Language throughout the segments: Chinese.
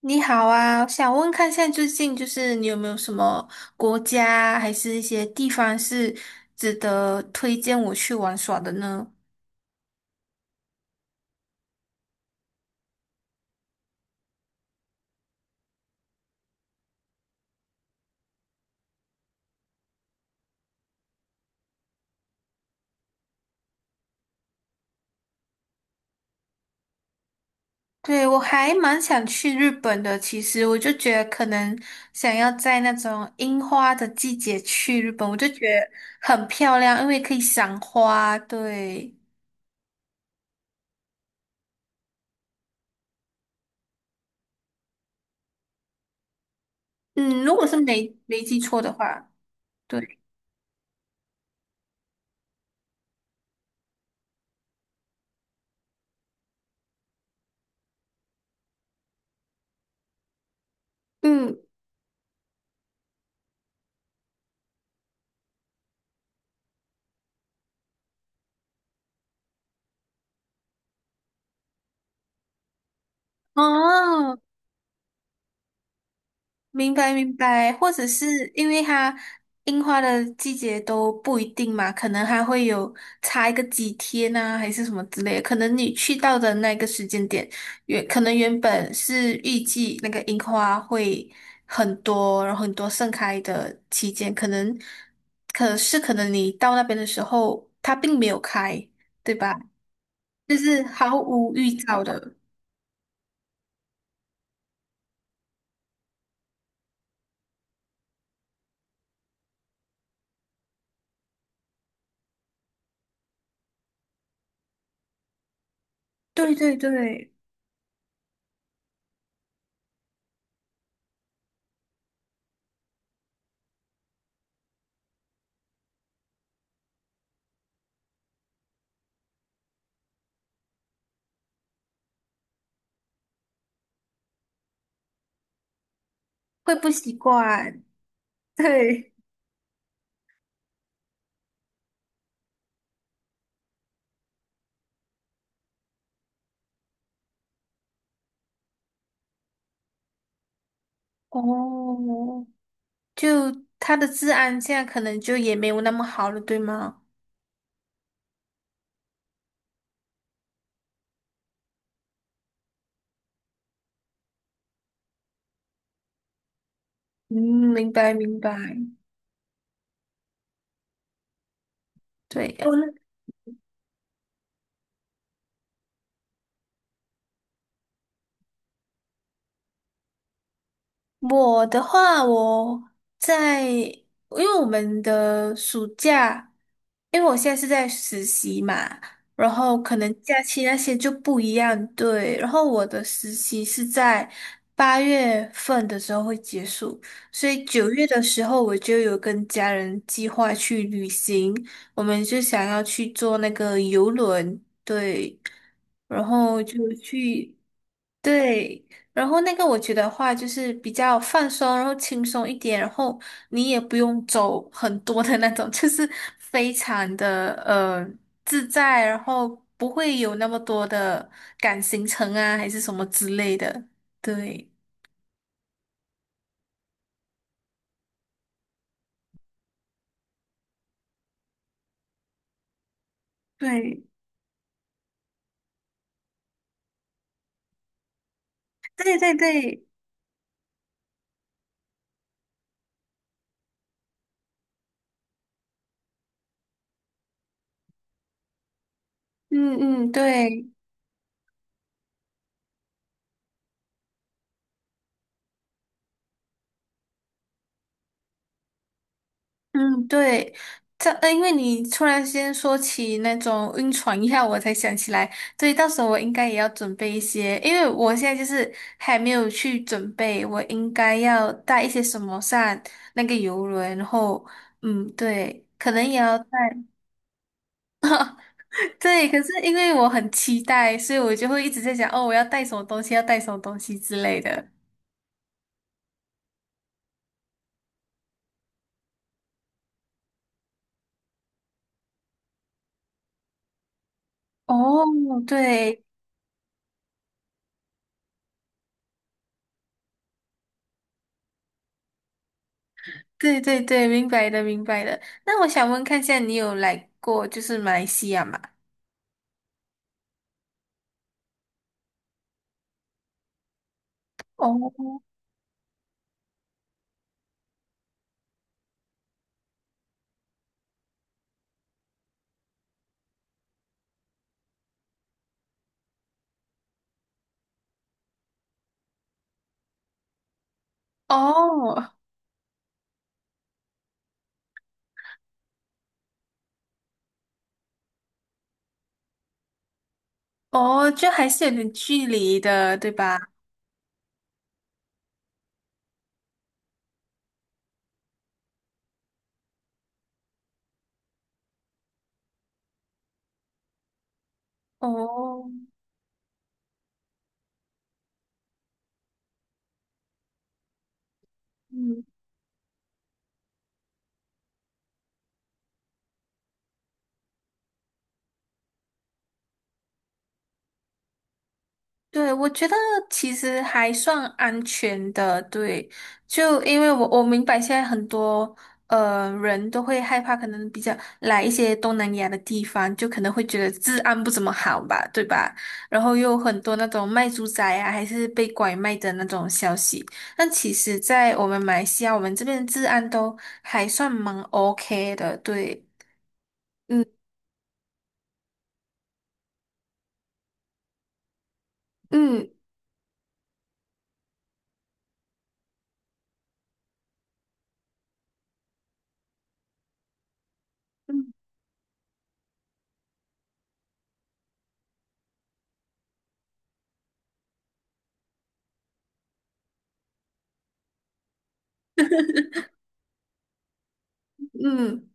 你好啊，想问看现在最近就是你有没有什么国家还是一些地方是值得推荐我去玩耍的呢？对，我还蛮想去日本的，其实我就觉得可能想要在那种樱花的季节去日本，我就觉得很漂亮，因为可以赏花。对，嗯，如果是没记错的话，对，嗯，哦，明白明白，或者是因为它樱花的季节都不一定嘛，可能还会有差一个几天啊，还是什么之类的。可能你去到的那个时间点，原可能原本是预计那个樱花会很多，然后很多盛开的期间，可是可能你到那边的时候，它并没有开，对吧？就是毫无预兆的。对对对，会不习惯。对。哦，就他的治安现在可能就也没有那么好了，对吗？嗯，明白明白。对，哦，我的话，我在，因为我们的暑假，因为我现在是在实习嘛，然后可能假期那些就不一样，对。然后我的实习是在8月份的时候会结束，所以9月的时候我就有跟家人计划去旅行，我们就想要去坐那个游轮，对，然后就去。对，然后那个我觉得话就是比较放松，然后轻松一点，然后你也不用走很多的那种，就是非常的自在，然后不会有那么多的赶行程啊，还是什么之类的。对，对，对对对，嗯嗯，对。嗯，对，因为你突然间说起那种晕船一下，我才想起来，对，到时候我应该也要准备一些，因为我现在就是还没有去准备，我应该要带一些什么上那个游轮，然后，嗯，对，可能也要带，对，可是因为我很期待，所以我就会一直在想，哦，我要带什么东西，要带什么东西之类的。哦，对。对对对，明白的明白的。那我想问看一下，你有来过就是马来西亚吗？哦哦哦，就还是有点距离的，对吧？哦，嗯。对，我觉得其实还算安全的，对，就因为我明白现在很多呃人都会害怕，可能比较来一些东南亚的地方，就可能会觉得治安不怎么好吧，对吧？然后又有很多那种卖猪仔啊，还是被拐卖的那种消息。但其实，在我们马来西亚，我们这边治安都还算蛮 OK 的，对，嗯嗯嗯嗯。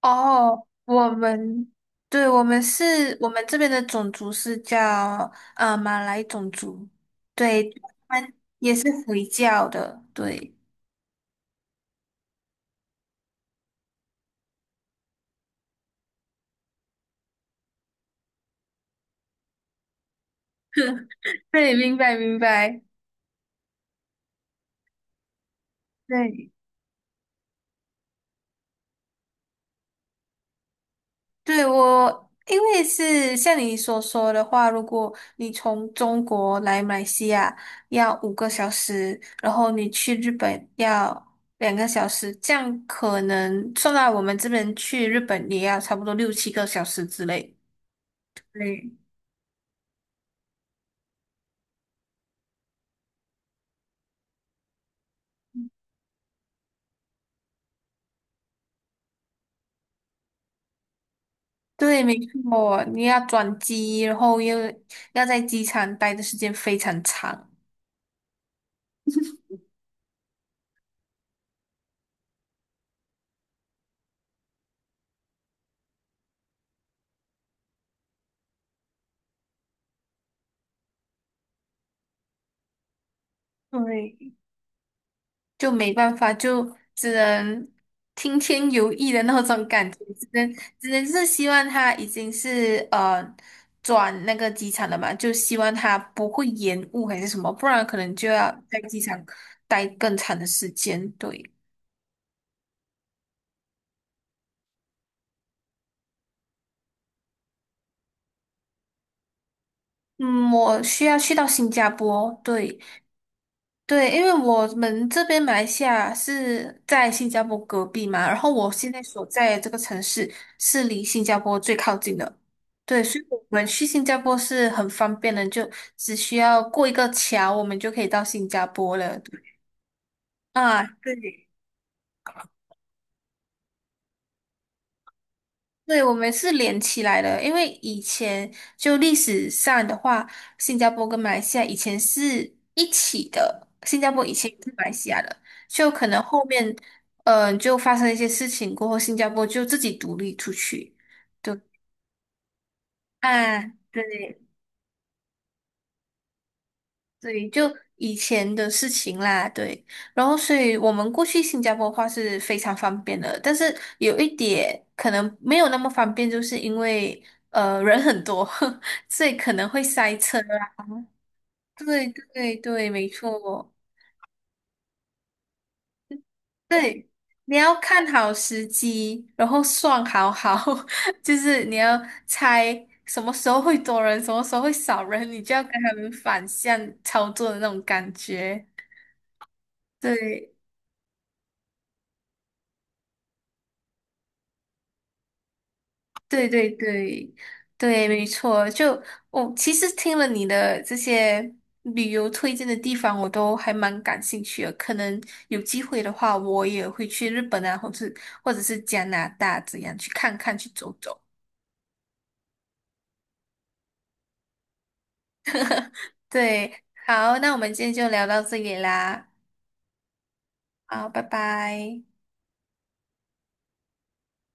哦，我们，对，我们是，我们这边的种族是叫马来种族，对，他们也是回教的，对，对，明白明白，对，对，我，因为是像你所说的话，如果你从中国来马来西亚要5个小时，然后你去日本要2个小时，这样可能算到我们这边去日本也要差不多6、7个小时之类。对对，没错，你要转机，然后又要在机场待的时间非常长，对，就没办法，就只能听天由命的那种感觉，只能是希望他已经是转那个机场了嘛，就希望他不会延误还是什么，不然可能就要在机场待更长的时间。对，嗯，我需要去到新加坡，对，对，因为我们这边马来西亚是在新加坡隔壁嘛，然后我现在所在的这个城市是离新加坡最靠近的，对，所以我们去新加坡是很方便的，就只需要过一个桥，我们就可以到新加坡了。啊，对，对，我们是连起来的，因为以前就历史上的话，新加坡跟马来西亚以前是一起的，新加坡以前也是马来西亚的，就可能后面，就发生一些事情过后，新加坡就自己独立出去。对啊，对，对，就以前的事情啦，对。然后，所以我们过去新加坡的话是非常方便的，但是有一点可能没有那么方便，就是因为人很多，所以可能会塞车。对对对，没错。对，你要看好时机，然后算好好，就是你要猜什么时候会多人，什么时候会少人，你就要跟他们反向操作的那种感觉。对。对对对对，没错。就我其实听了你的这些旅游推荐的地方，我都还蛮感兴趣的。可能有机会的话，我也会去日本啊，或者是加拿大这样去看看，去走走。对，好，那我们今天就聊到这里啦。好，拜拜。